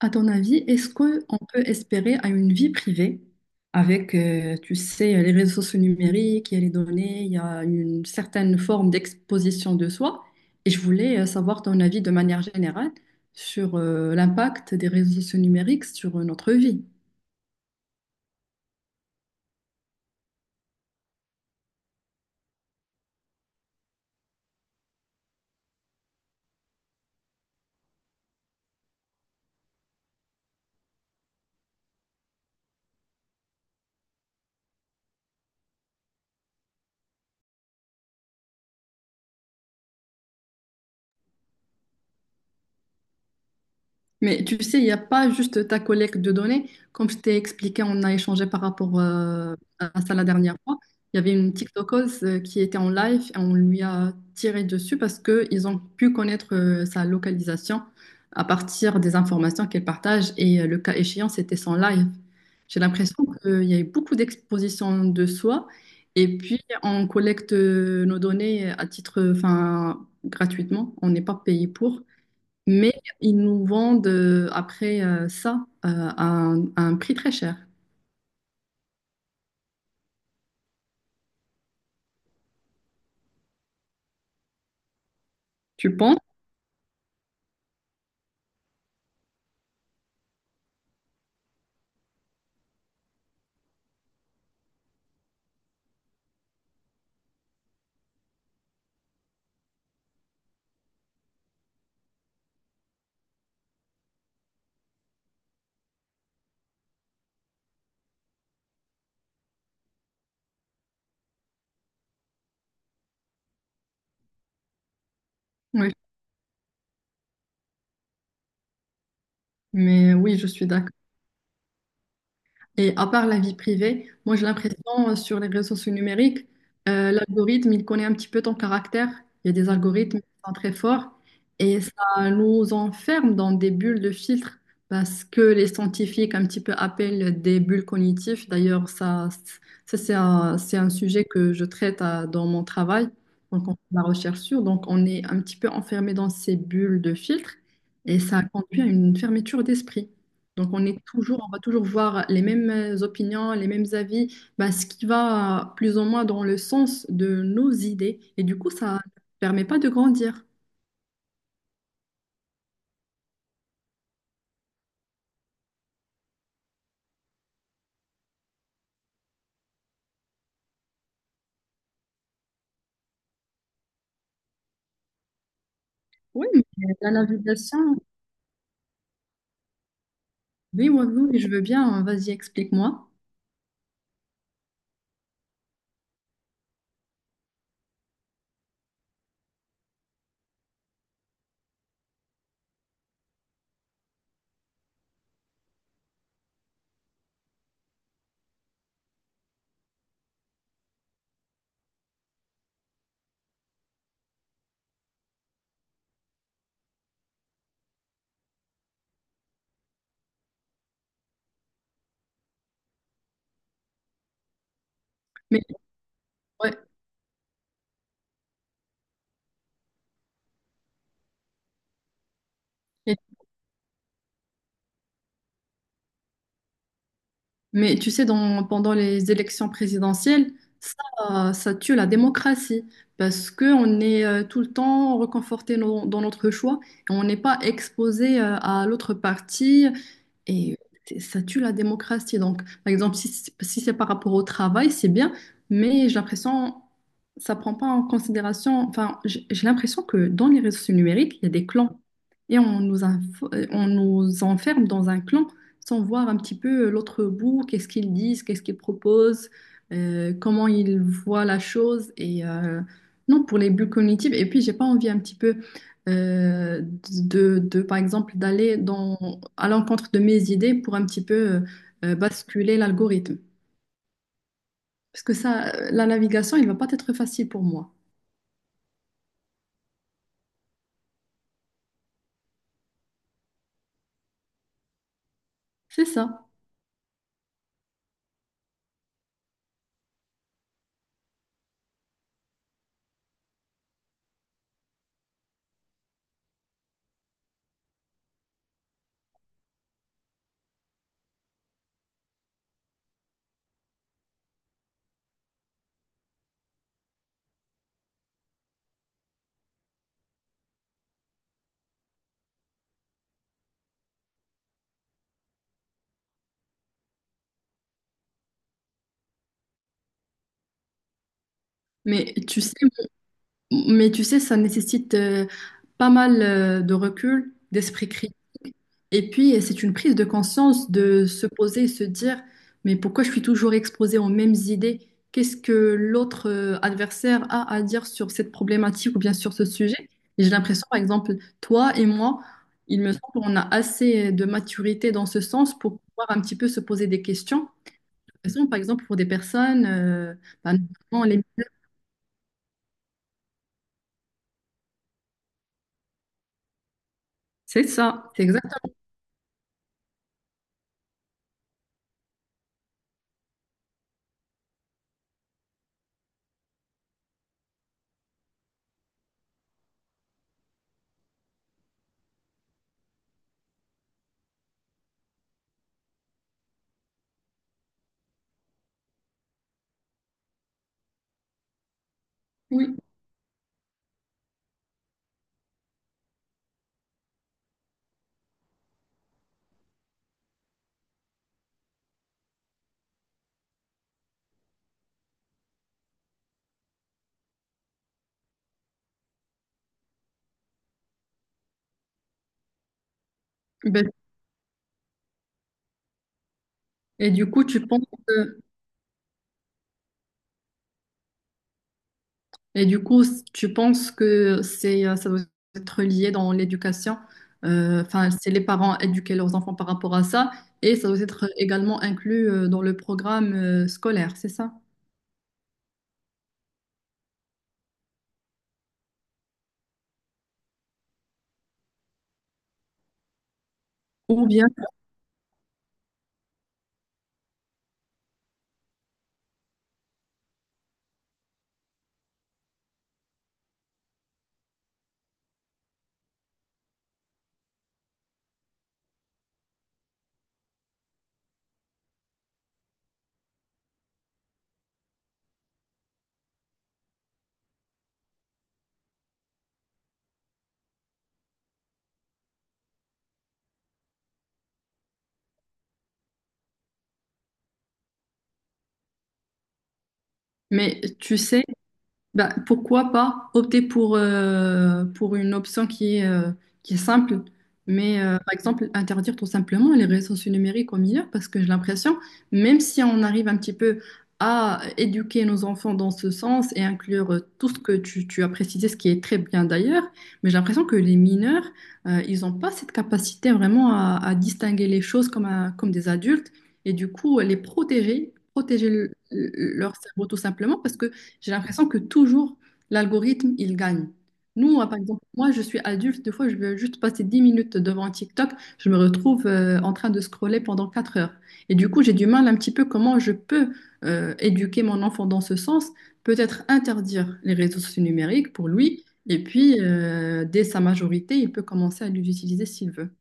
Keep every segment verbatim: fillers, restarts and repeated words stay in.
À ton avis, est-ce qu'on peut espérer à une vie privée avec, euh, tu sais, les réseaux sociaux numériques, il y a les données, il y a une certaine forme d'exposition de soi. Et je voulais euh, savoir ton avis de manière générale sur euh, l'impact des réseaux sociaux numériques sur euh, notre vie. Mais tu sais, il n'y a pas juste ta collecte de données. Comme je t'ai expliqué, on a échangé par rapport euh, à ça la dernière fois. Il y avait une TikTokeuse euh, qui était en live et on lui a tiré dessus parce qu'ils ont pu connaître euh, sa localisation à partir des informations qu'elle partage et euh, le cas échéant, c'était son live. J'ai l'impression qu'il y a eu beaucoup d'expositions de soi et puis on collecte euh, nos données à titre, enfin, gratuitement. On n'est pas payé pour. Mais ils nous vendent euh, après euh, ça euh, à un, à un prix très cher. Tu penses? Oui. Mais oui, je suis d'accord. Et à part la vie privée, moi j'ai l'impression euh, sur les réseaux sociaux numériques, euh, l'algorithme, il connaît un petit peu ton caractère. Il y a des algorithmes qui sont très forts et ça nous enferme dans des bulles de filtres parce que les scientifiques un petit peu appellent des bulles cognitives. D'ailleurs, ça, ça c'est un, c'est un sujet que je traite euh, dans mon travail, donc on fait de la recherche sur. Donc on est un petit peu enfermé dans ces bulles de filtres et ça conduit à une fermeture d'esprit. Donc, on est toujours, on va toujours voir les mêmes euh, opinions, les mêmes avis, ben, ce qui va plus ou moins dans le sens de nos idées. Et du coup, ça ne permet pas de grandir. Oui, mais la navigation, oui, oui, oui, je veux bien, hein, vas-y, explique-moi. Mais ouais. Et Mais tu sais, dans- pendant les élections présidentielles, ça, ça tue la démocratie parce qu'on est euh, tout le temps reconforté no- dans notre choix et on n'est pas exposé euh, à l'autre parti et c'est- ça tue la démocratie. Donc, par exemple, si, c'est- si c'est par rapport au travail, c'est bien, mais j'ai l'impression ça prend pas en considération. Enfin, j'ai j'ai l'impression que dans les réseaux numériques, il y a des clans et on nous, info- on nous enferme dans un clan sans voir un petit peu euh, l'autre bout, qu'est-ce qu'ils disent, qu'est-ce qu'ils proposent, euh, comment ils voient la chose. Et euh, non, pour les bulles cognitives. Et puis, j'ai pas envie un petit peu euh, de, de, par exemple, d'aller dans, à l'encontre de mes idées pour un petit peu euh, euh, basculer l'algorithme. Parce que ça, euh, la navigation, elle va pas être facile pour moi. C'est ça. Mais tu sais Mais tu sais, ça nécessite euh, pas mal euh, de recul, d'esprit critique. Et puis, euh, c'est une prise de conscience de se poser et se dire, mais pourquoi je suis toujours exposée aux mêmes idées? Qu'est-ce que l'autre euh, adversaire a à dire sur cette problématique ou bien sur ce sujet? Et j'ai l'impression, par exemple, toi et moi, il me semble qu'on a assez de maturité dans ce sens pour pouvoir un petit peu se poser des questions. Par exemple, pour des personnes, euh, bah, notamment les... C'est ça, c'est exact. Oui. Ben, Et du coup, tu penses que, et du coup, tu penses que c'est, euh, ça doit être lié dans l'éducation. euh, Enfin, c'est les parents éduquer leurs enfants par rapport à ça, et ça doit être également inclus euh, dans le programme euh, scolaire, c'est ça? Ou bien, mais tu sais, ben, pourquoi pas opter pour, euh, pour une option qui est, euh, qui est simple, mais euh, par exemple interdire tout simplement les réseaux sociaux numériques aux mineurs, parce que j'ai l'impression, même si on arrive un petit peu à éduquer nos enfants dans ce sens et inclure euh, tout ce que tu, tu as précisé, ce qui est très bien d'ailleurs, mais j'ai l'impression que les mineurs, euh, ils n'ont pas cette capacité vraiment à, à distinguer les choses comme, un- comme des adultes, et du coup les protéger, protéger le- le- leur cerveau tout simplement, parce que j'ai l'impression que toujours, l'algorithme, il gagne. Nous, euh, par exemple, moi, je suis adulte, des fois, je veux juste passer dix minutes devant TikTok, je me retrouve euh, en train de scroller pendant quatre heures. Et du coup, j'ai du mal un petit peu comment je peux euh, éduquer mon enfant dans ce sens, peut-être interdire les réseaux sociaux numériques pour lui, et puis, euh, dès sa majorité, il peut commencer à les utiliser s'il veut.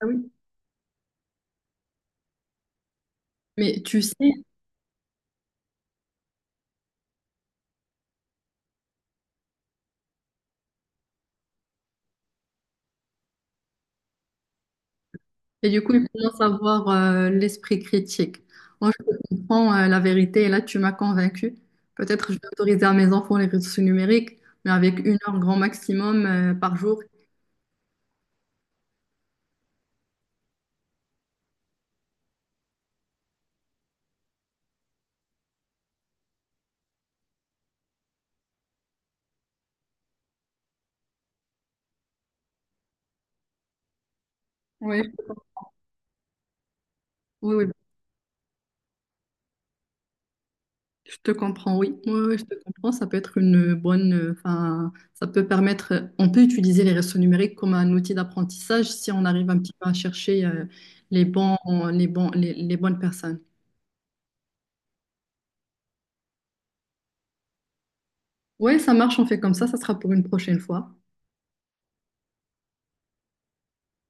Ah oui. Mais tu sais, et du coup, il commence à avoir euh, l'esprit critique. Moi, je comprends euh, la vérité et là, tu m'as convaincue. Peut-être je vais autoriser à mes enfants les réseaux numériques, mais avec une heure grand maximum euh, par jour. Oui, oui, oui. Je te comprends, oui. Oui, oui, je te comprends. Ça peut être une bonne. euh, Enfin, ça peut permettre. euh, On peut utiliser les réseaux numériques comme un outil d'apprentissage si on arrive un petit peu à chercher euh, les bons, les bons, les, les bonnes personnes. Oui, ça marche, on fait comme ça. Ça sera pour une prochaine fois.